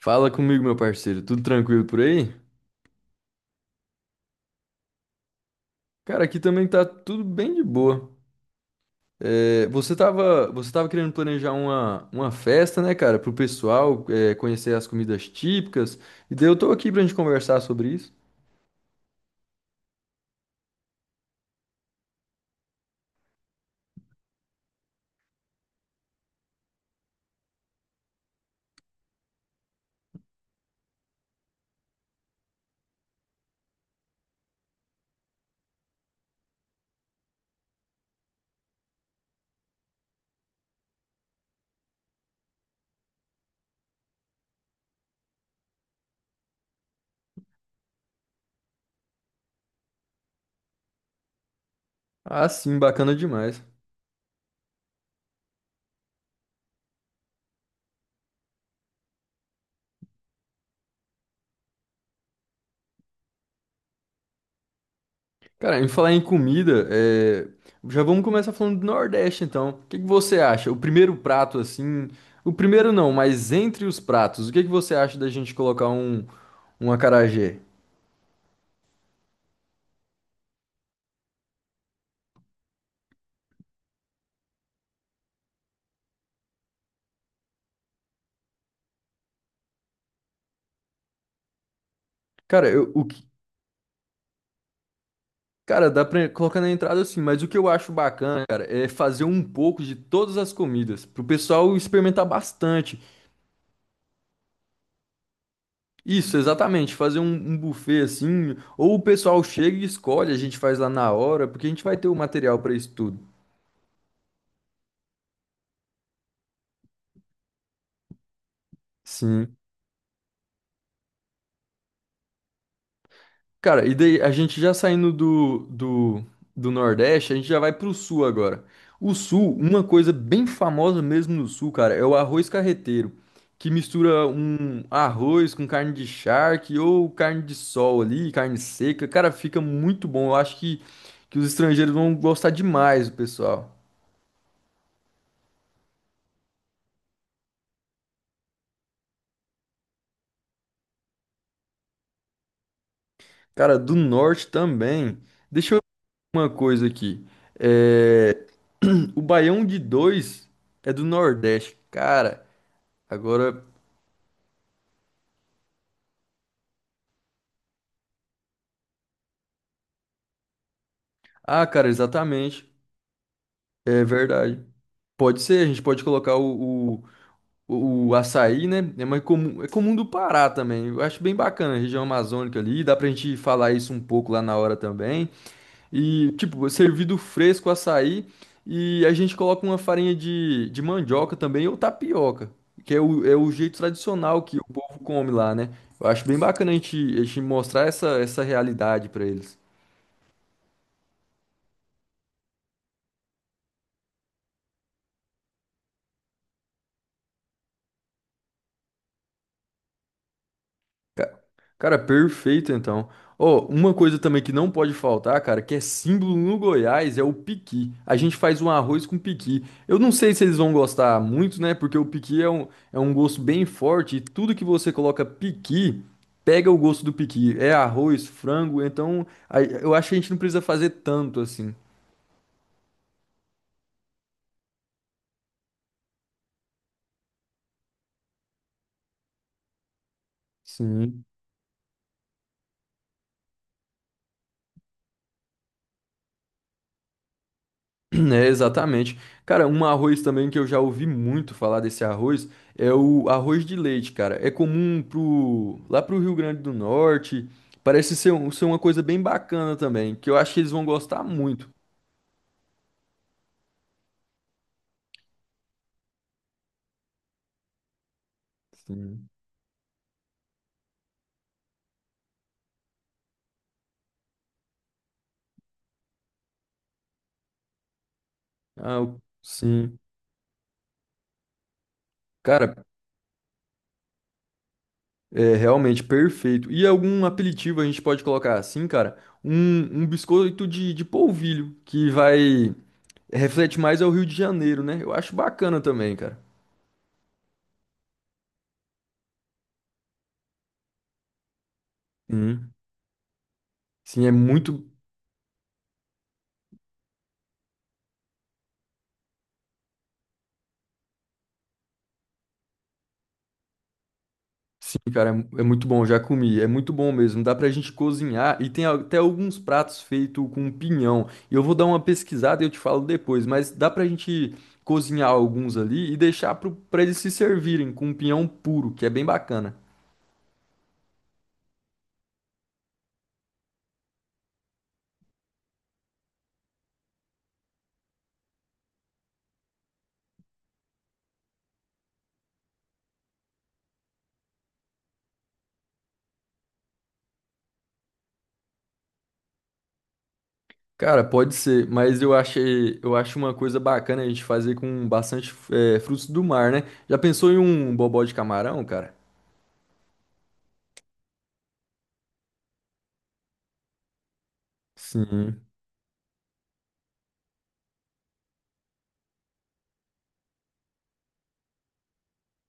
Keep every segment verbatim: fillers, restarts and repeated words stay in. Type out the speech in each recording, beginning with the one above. Fala comigo, meu parceiro. Tudo tranquilo por aí? Cara, aqui também tá tudo bem de boa. É, você tava, você tava querendo planejar uma, uma festa, né, cara, pro pessoal, é, conhecer as comidas típicas. E daí eu tô aqui pra gente conversar sobre isso. Ah, sim, bacana demais. Cara, em falar em comida, é, já vamos começar falando do Nordeste, então. O que que você acha? O primeiro prato, assim. O primeiro não, mas entre os pratos, o que que você acha da gente colocar um, um acarajé? Cara, eu, o que Cara, dá pra colocar na entrada assim, mas o que eu acho bacana, cara, é fazer um pouco de todas as comidas, pro pessoal experimentar bastante. Isso, exatamente, fazer um, um buffet assim, ou o pessoal chega e escolhe, a gente faz lá na hora, porque a gente vai ter o material pra isso tudo. Sim. Cara, e daí a gente já saindo do, do, do Nordeste, a gente já vai pro Sul agora. O Sul, uma coisa bem famosa mesmo no Sul, cara, é o arroz carreteiro, que mistura um arroz com carne de charque ou carne de sol ali, carne seca. Cara, fica muito bom. Eu acho que, que os estrangeiros vão gostar demais, o pessoal. Cara, do Norte também. Deixa eu ver uma coisa aqui. É... O baião de dois é do Nordeste, cara. Agora. Ah, cara, exatamente. É verdade. Pode ser, a gente pode colocar o, o, o açaí, né? É mais comum, é comum do Pará também. Eu acho bem bacana a região amazônica ali. Dá pra gente falar isso um pouco lá na hora também. E, tipo, servido fresco açaí. E a gente coloca uma farinha de, de mandioca também ou tapioca, que é o, é o jeito tradicional que o povo come lá, né? Eu acho bem bacana a gente, a gente mostrar essa, essa realidade pra eles. Cara, perfeito então. Ó, uma coisa também que não pode faltar, cara, que é símbolo no Goiás, é o piqui. A gente faz um arroz com piqui. Eu não sei se eles vão gostar muito, né? Porque o piqui é um, é um gosto bem forte e tudo que você coloca piqui, pega o gosto do piqui. É arroz, frango, então aí eu acho que a gente não precisa fazer tanto assim. Sim. É, exatamente. Cara, um arroz também que eu já ouvi muito falar desse arroz é o arroz de leite, cara. É comum pro, lá pro Rio Grande do Norte. Parece ser, um- ser uma coisa bem bacana também, que eu acho que eles vão gostar muito. Sim. Ah, o- sim. Cara, é realmente perfeito. E algum apelitivo a gente pode colocar assim, cara? Um, um biscoito de, de polvilho, que vai... Reflete mais ao Rio de Janeiro, né? Eu acho bacana também, cara. Sim, sim, é muito. Sim, cara, é mu- é muito bom, já comi, é muito bom mesmo. Dá pra gente cozinhar e tem al- até alguns pratos feitos com pinhão. E eu vou dar uma pesquisada e eu te falo depois, mas dá pra gente cozinhar alguns ali e deixar pro, pra eles se servirem com pinhão puro, que é bem bacana. Cara, pode ser, mas eu achei, eu acho uma coisa bacana a gente fazer com bastante eh, frutos do mar, né? Já pensou em um bobó de camarão, cara? Sim,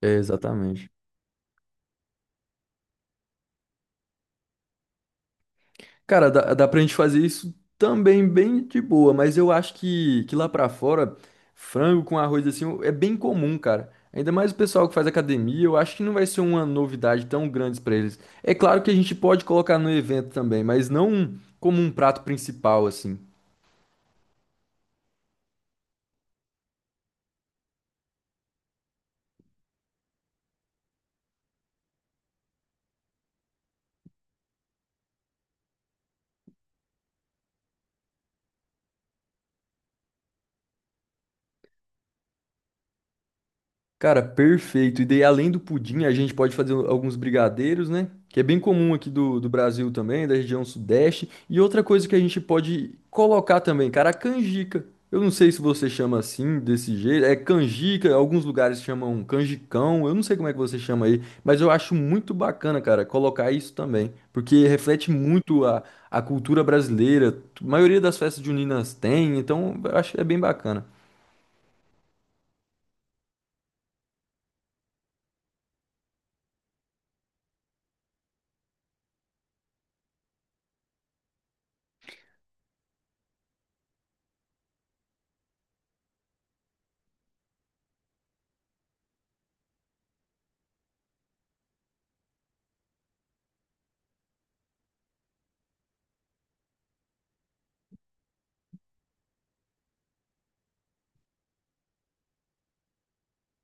é exatamente. Cara, dá, dá pra gente fazer isso também bem de boa, mas eu acho que, que lá pra fora, frango com arroz assim é bem comum, cara. Ainda mais o pessoal que faz academia, eu acho que não vai ser uma novidade tão grande pra eles. É claro que a gente pode colocar no evento também, mas não como um prato principal, assim. Cara, perfeito. E daí, além do pudim, a gente pode fazer alguns brigadeiros, né? Que é bem comum aqui do, do Brasil também, da região sudeste. E outra coisa que a gente pode colocar também, cara, a canjica. Eu não sei se você chama assim, desse jeito. É canjica, alguns lugares chamam canjicão. Eu não sei como é que você chama aí, mas eu acho muito bacana, cara, colocar isso também. Porque reflete muito a, a cultura brasileira. A maioria das festas juninas tem, então eu acho que é bem bacana.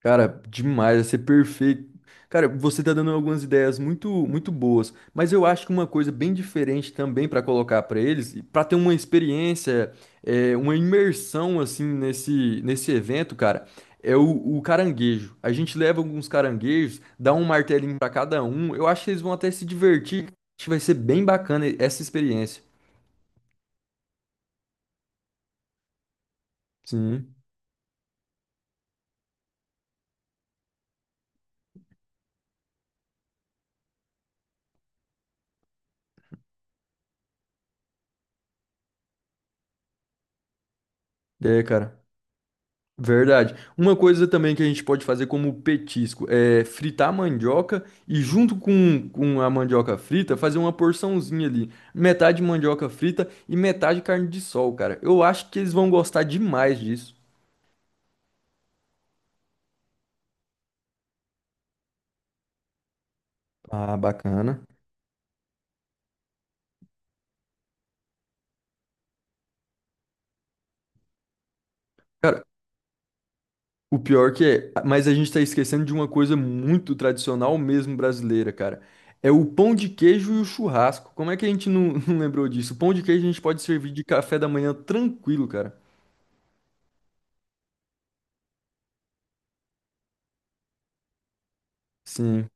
Cara, demais, vai ser perfeito. Cara, você tá dando algumas ideias muito muito boas, mas eu acho que uma coisa bem diferente também para colocar para eles, para ter uma experiência, é, uma imersão assim nesse nesse evento, cara, é o, o caranguejo. A gente leva alguns caranguejos, dá um martelinho para cada um. Eu acho que eles vão até se divertir. Acho que vai ser bem bacana essa experiência. Sim, é, cara. Verdade. Uma coisa também que a gente pode fazer como petisco é fritar a mandioca e junto com, com a mandioca frita fazer uma porçãozinha ali. Metade mandioca frita e metade carne de sol, cara. Eu acho que eles vão gostar demais disso. Ah, bacana. Cara, o pior que é, mas a gente tá esquecendo de uma coisa muito tradicional mesmo brasileira, cara. É o pão de queijo e o churrasco. Como é que a gente não, não lembrou disso? O pão de queijo a gente pode servir de café da manhã tranquilo, cara. Sim.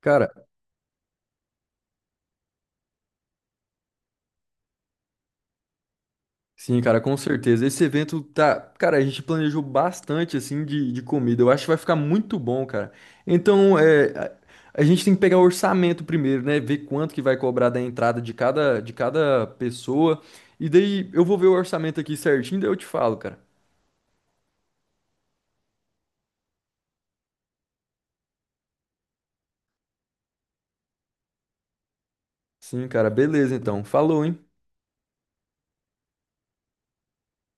Cara, Sim, cara, com certeza. Esse evento tá. Cara, a gente planejou bastante, assim, de, de comida. Eu acho que vai ficar muito bom, cara. Então, é, a, a gente tem que pegar o orçamento primeiro, né? Ver quanto que vai cobrar da entrada de cada, de cada pessoa. E daí eu vou ver o orçamento aqui certinho, daí eu te falo, cara. Sim, cara, beleza, então. Falou, hein?